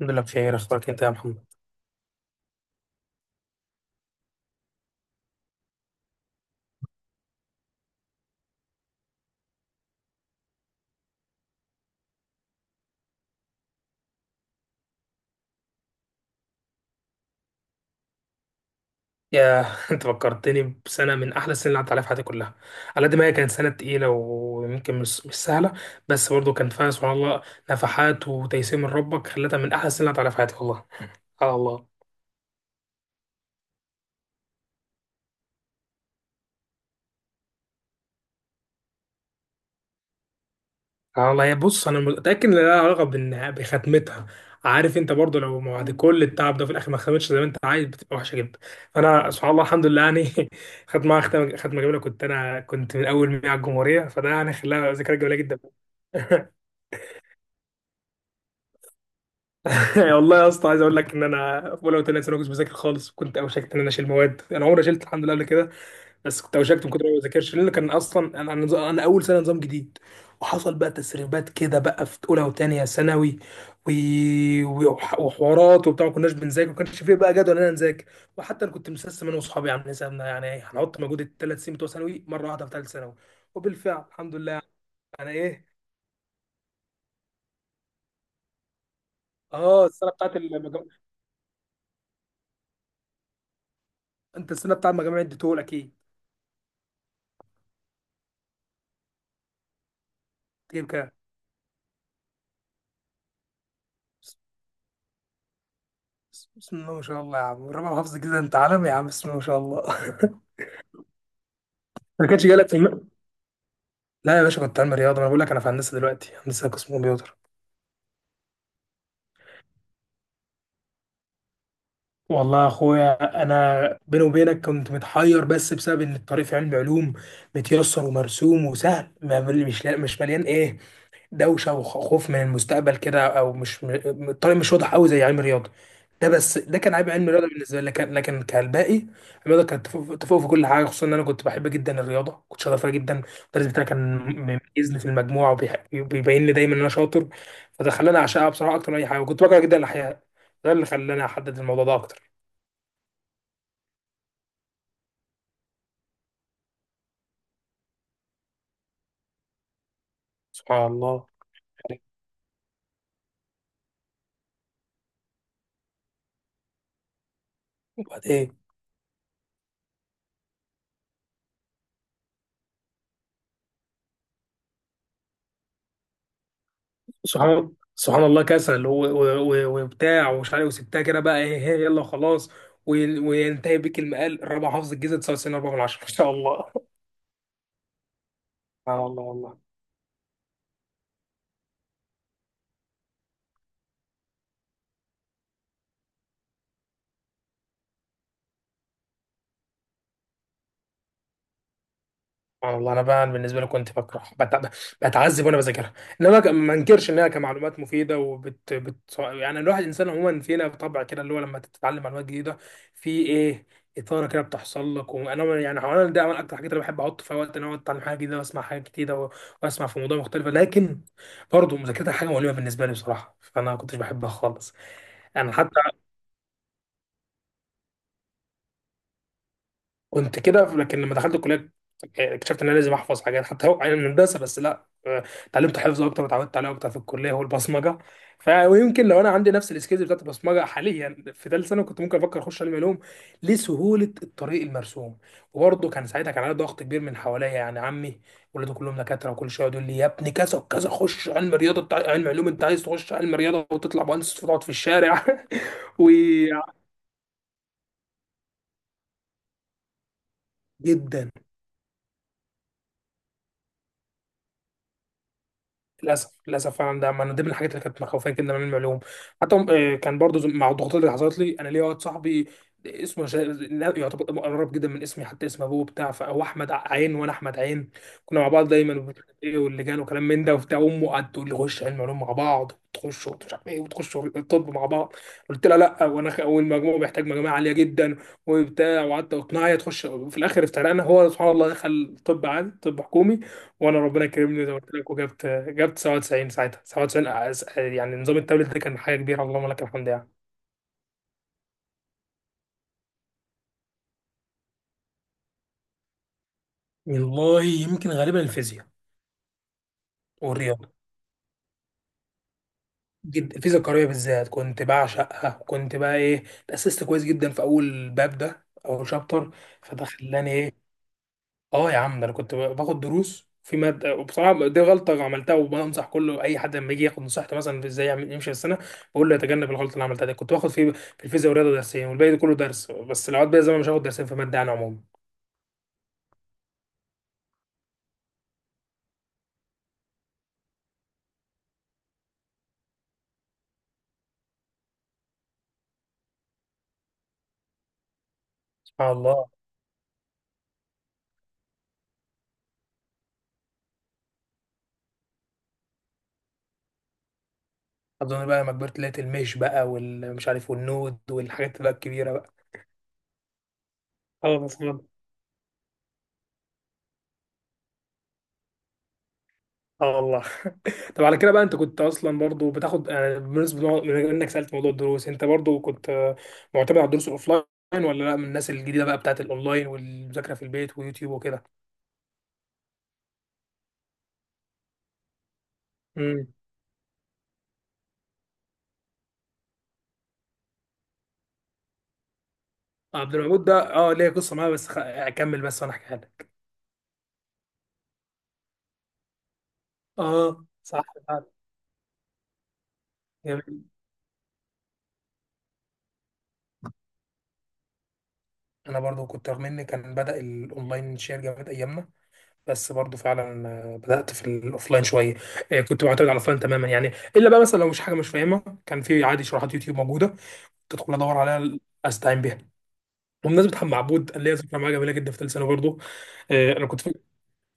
الحمد لله بخير، اخبارك انت يا محمد؟ يا انت فكرتني بسنه من احلى السنين اللي عدت عليها في حياتي كلها. على قد ما هي كانت سنه تقيله ويمكن مش سهله، بس برضه كان فيها سبحان الله نفحات وتيسير من ربك خلتها من احلى السنين اللي عدت عليها في حياتي والله. على الله. على الله. يا بص، انا متاكد ان لها علاقه بختمتها. عارف انت برضه لو بعد كل التعب ده في الاخر ما ختمتش زي ما انت عايز بتبقى وحشه جدا. فانا سبحان الله الحمد لله يعني. خدت معاها ختمه جميله، كنت انا من اول 100 على الجمهوريه، فده يعني خلاها ذكريات جميله جدا. يعني والله يا اسطى، عايز اقول لك ان انا في اولى وثانيه ثانوي كنت بذاكر خالص، كنت اوشكت ان انا اشيل مواد. انا عمري ما شلت الحمد لله قبل كده، بس كنت اوشكت من كتر ما بذاكرش، لان كان اصلا انا اول سنه نظام جديد. وحصل بقى تسريبات كده بقى في اولى وثانيه ثانوي و... وحوارات وبتاع، ما كناش بنذاكر، ما كانش فيه بقى جدول ان انا نذاكر. وحتى انا كنت مسسم انا واصحابي، عاملين حسابنا يعني هنحط مجهود 3 سنين بتوع ثانوي مره واحده في ثالث ثانوي. وبالفعل الحمد لله. يعني ايه؟ اه، السنه بتاعت المجموع. انت السنه بتاعت مجاميع اديتهولك اكيد. تجيب كام؟ بسم الله ما شاء الله يا عم، ربع حافظ كده، انت عالمي يا عم، بسم الله ما شاء الله. ما كانش جالك في لا يا باشا، كنت علمي رياضه. انا بقول لك انا في هندسه دلوقتي، هندسه قسم كمبيوتر. والله يا اخويا، انا بيني وبينك كنت متحير بس بسبب ان الطريق في علم علوم متيسر ومرسوم وسهل، ما مش مليان ايه، دوشه وخوف من المستقبل كده، او مش م- الطريق مش واضح قوي زي علم الرياضه. ده بس ده كان عيب علم الرياضه بالنسبه لي، لكن كالباقي، الرياضه كانت تفوق تفوق في كل حاجه، خصوصا ان انا كنت بحب جدا الرياضه، كنت شاطر فيها جدا. المدرس بتاعي كان مميزني في المجموعه، وبيبين لي دايما ان انا شاطر، فده خلاني اعشقها بصراحه اكتر من اي حاجه. وكنت بكره جدا الاحياء، ده اللي خلاني احدد الموضوع ده اكتر. سبحان الله. وبعدين. سبحان الله، كسل وبتاع ومش عارف، وسبتها كده بقى ايه إيه، يلا خلاص. وينتهي بك المقال الرابع حافظ الجيزه، 99 4 من 10، ما شاء الله. سبحان الله والله. سبحان الله، انا بقى بالنسبه لي كنت بكره بتعذب وانا بذاكرها، انما ما انكرش انها كمعلومات مفيده، وبت بت يعني الواحد انسان عموما فينا بطبع كده اللي هو لما تتعلم معلومات جديده في ايه، اثاره كده بتحصل لك. وانا يعني حوالي ده من اكتر الحاجات اللي بحب احط فيها وقت ان انا اتعلم حاجه جديده واسمع حاجه جديده واسمع في موضوع مختلف، لكن برضه مذاكرتها حاجه مؤلمه بالنسبه لي بصراحه، فانا ما كنتش بحبها خالص. انا حتى كنت كده، لكن لما دخلت الكليه اكتشفت ان انا لازم احفظ حاجات، حتى هو يعني هندسه بس، لا، اتعلمت حفظ اكتر وتعودت عليه اكتر في الكليه هو البصمجه. فيمكن لو انا عندي نفس السكيلز بتاعت البصمجه حاليا في ثالث سنه كنت ممكن افكر اخش علم علوم، لسهوله الطريق المرسوم. وبرضه كان ساعتها كان عليا ضغط كبير من حواليا، يعني عمي ولاده كلهم دكاتره، وكل شويه يقول لي يا ابني كذا وكذا، خش علم رياضه بتاع علم علوم، انت عايز تخش علم رياضه وتطلع مهندس وتقعد في الشارع؟ وجدا للاسف للاسف فعلا، ده من ضمن الحاجات اللي كانت مخوفاني كده من المعلوم. حتى كان برضو مع الضغوطات اللي حصلت لي، انا ليا واحد صاحبي اسمه لا، يعتبر قريب جدا من اسمي، حتى اسم ابوه بتاع، فهو احمد عين وانا احمد عين. كنا مع بعض دايما ومش عارف ايه واللجان وكلام من ده وبتاع. امه قعدت تقول لي خش علم علوم مع بعض، تخش مش عارف ايه، وتخش الطب مع بعض. قلت لها لا، وانا والمجموع محتاج مجموعه عاليه جدا وبتاع. وقعدت اقنعها هي تخش، في الاخر افترقنا. هو سبحان الله دخل طب عادي، طب حكومي، وانا ربنا كرمني زي ما قلت لك، وجبت 97 ساعتها، 97. يعني نظام التابلت ده كان حاجه كبيره، اللهم لك الحمد يعني. والله يمكن غالبا الفيزياء. والرياضه جدا، الفيزياء الكهربائيه بالذات كنت بعشقها، كنت بقى ايه، تاسست كويس جدا في اول باب، ده اول شابتر، فده خلاني ايه. اه يا عم، ده انا كنت باخد دروس في ماده، وبصراحه دي غلطه عملتها، وبنصح كله اي حد لما يجي ياخد نصيحتي مثلا في ازاي يعمل يمشي في السنه، بقول له يتجنب الغلطه اللي عملتها دي. كنت باخد في الفيزياء ورياضه درسين والباقي ده كله درس بس. العواد بقى زمان، مش هاخد درسين في ماده انا عموما. سبحان الله. اظن بقى لما كبرت لقيت المش بقى والمش عارف والنود والحاجات بقى الكبيره بقى. خلاص والله. اه والله. طب على كده بقى، انت كنت اصلا برضو بتاخد يعني، بالنسبه من انك سالت موضوع الدروس، انت برضو كنت معتمد على الدروس الاوفلاين، ولا لا من الناس الجديده بقى بتاعت الاونلاين والمذاكره في البيت ويوتيوب وكده؟ امم عبد المعبود ده، اه، ليه قصه معاه، بس اكمل بس وانا احكيها لك. اه صح. فعلا. جميل. انا برضو كنت، رغم ان كان بدا الاونلاين شير جامد ايامنا، بس برضو فعلا بدات في الاوفلاين شويه. كنت معتمد على الاوفلاين تماما يعني، الا بقى مثلا لو مش حاجه مش فاهمها كان في عادي شروحات يوتيوب موجوده، تدخل ادور عليها، استعين بيها. وبمناسبة محمد معبود، انا ليا ذكرى معاه جميلة جدا في ثالث ثانوي برضه. انا كنت فاكر،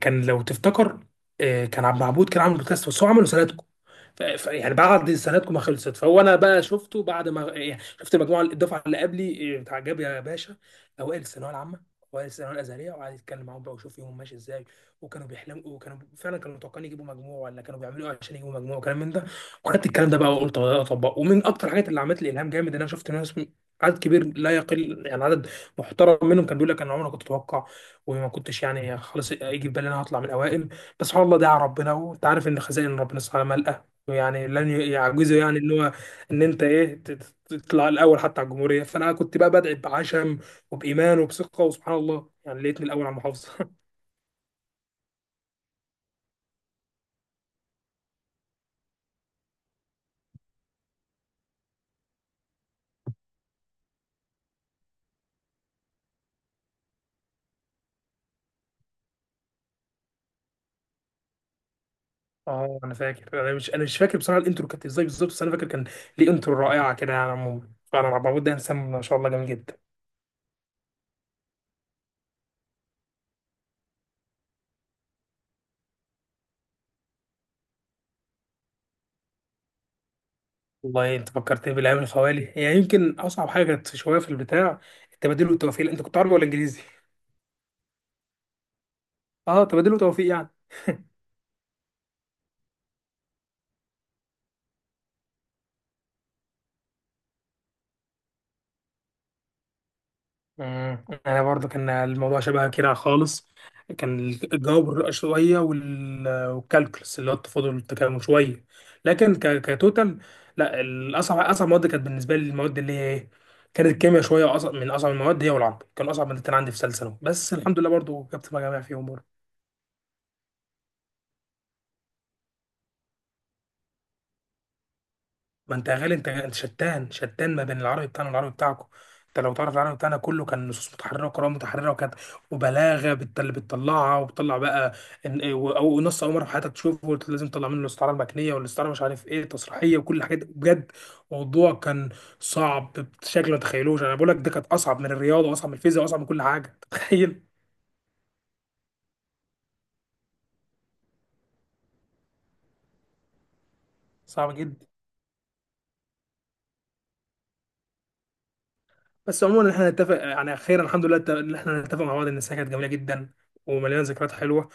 كان لو تفتكر، كان عبد معبود كان عامل بودكاست بس هو عمله سنة. يعني بعد سنتكم ما خلصت، فهو انا بقى شفته بعد ما يعني شفت المجموعه، الدفعه اللي قبلي بتاع، جاب يا باشا اوائل الثانويه العامه، اوائل الثانويه الازهريه، وقعد يتكلم معاهم بقى وشوف يومهم ماشي ازاي، وكانوا بيحلموا، وكانوا فعلا كانوا متوقعين يجيبوا مجموع، ولا كانوا بيعملوا ايه عشان يجيبوا مجموع، وكلام من ده. وخدت الكلام ده بقى وقلت والله اطبقه، ومن اكتر الحاجات اللي عملت لي الهام جامد، ان انا شفت ناس عدد كبير لا يقل، يعني عدد محترم منهم، كان بيقول لك انا عمري ما كنت اتوقع، وما كنتش يعني خلاص يجي في بالي إن انا هطلع من الاوائل، بس سبحان الله دعا ربنا، وانت عارف ان خزائن ربنا سبحانه يعني لن يعجزه، يعني ان هو ان انت ايه تطلع الاول حتى على الجمهوريه. فانا كنت بقى بدعي بعشم وبايمان وبثقه، وسبحان الله يعني لقيتني الاول على المحافظه. اه انا فاكر، انا مش فاكر بصراحه الانترو كانت ازاي بالظبط، بس انا فاكر كان ليه انترو رائعه كده، يعني عموما فعلا عبد العبود ده انسان ما شاء الله جميل جدا. والله انت فكرتني بالايام الخوالي، يعني يمكن اصعب حاجه كانت شويه في البتاع التبادل والتوفيق. انت كنت عربي ولا انجليزي؟ اه، تبادل وتوفيق يعني. مم. انا برضو كان الموضوع شبه كده خالص، كان الجبر شويه والكالكولس اللي هو التفاضل والتكامل شويه، لكن كتوتال، لا، اصعب مواد كانت بالنسبه لي المواد اللي هي ايه، كانت الكيمياء شويه اصعب، من اصعب المواد، هي والعربي، كان اصعب مادتين عندي في ثالثه ثانوي، بس الحمد لله برضو جبت مجاميع فيهم برضو. ما انت يا غالي، انت شتان شتان ما بين العربي بتاعنا والعربي بتاعكم. انت لو تعرف العربي بتاعنا كله كان نصوص متحرره وقراءه متحرره، وكانت وبلاغه اللي بتطلعها وبتطلع بقى او نص اول مره في حياتك تشوفه قلت لازم تطلع منه الاستعاره المكنيه والاستعاره مش عارف ايه التصريحيه وكل الحاجات دي. بجد موضوع كان صعب، بشكل ما تتخيلوش. انا بقول لك ده كانت اصعب من الرياضه واصعب من الفيزياء واصعب من كل حاجه. تخيل، صعب جدا. بس عموما احنا نتفق، يعني خيرا الحمد لله ان احنا نتفق مع بعض ان السنه كانت جميله جدا ومليانه ذكريات حلوه،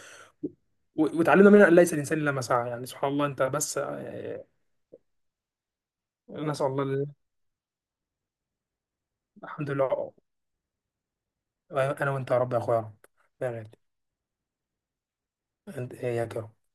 وتعلمنا منها ان ليس الانسان الا ما سعى، يعني سبحان الله. انت بس نسال الله الحمد لله. انا وانت يا رب، يا اخويا يا رب، يا غالي. انت إيه يا كرم.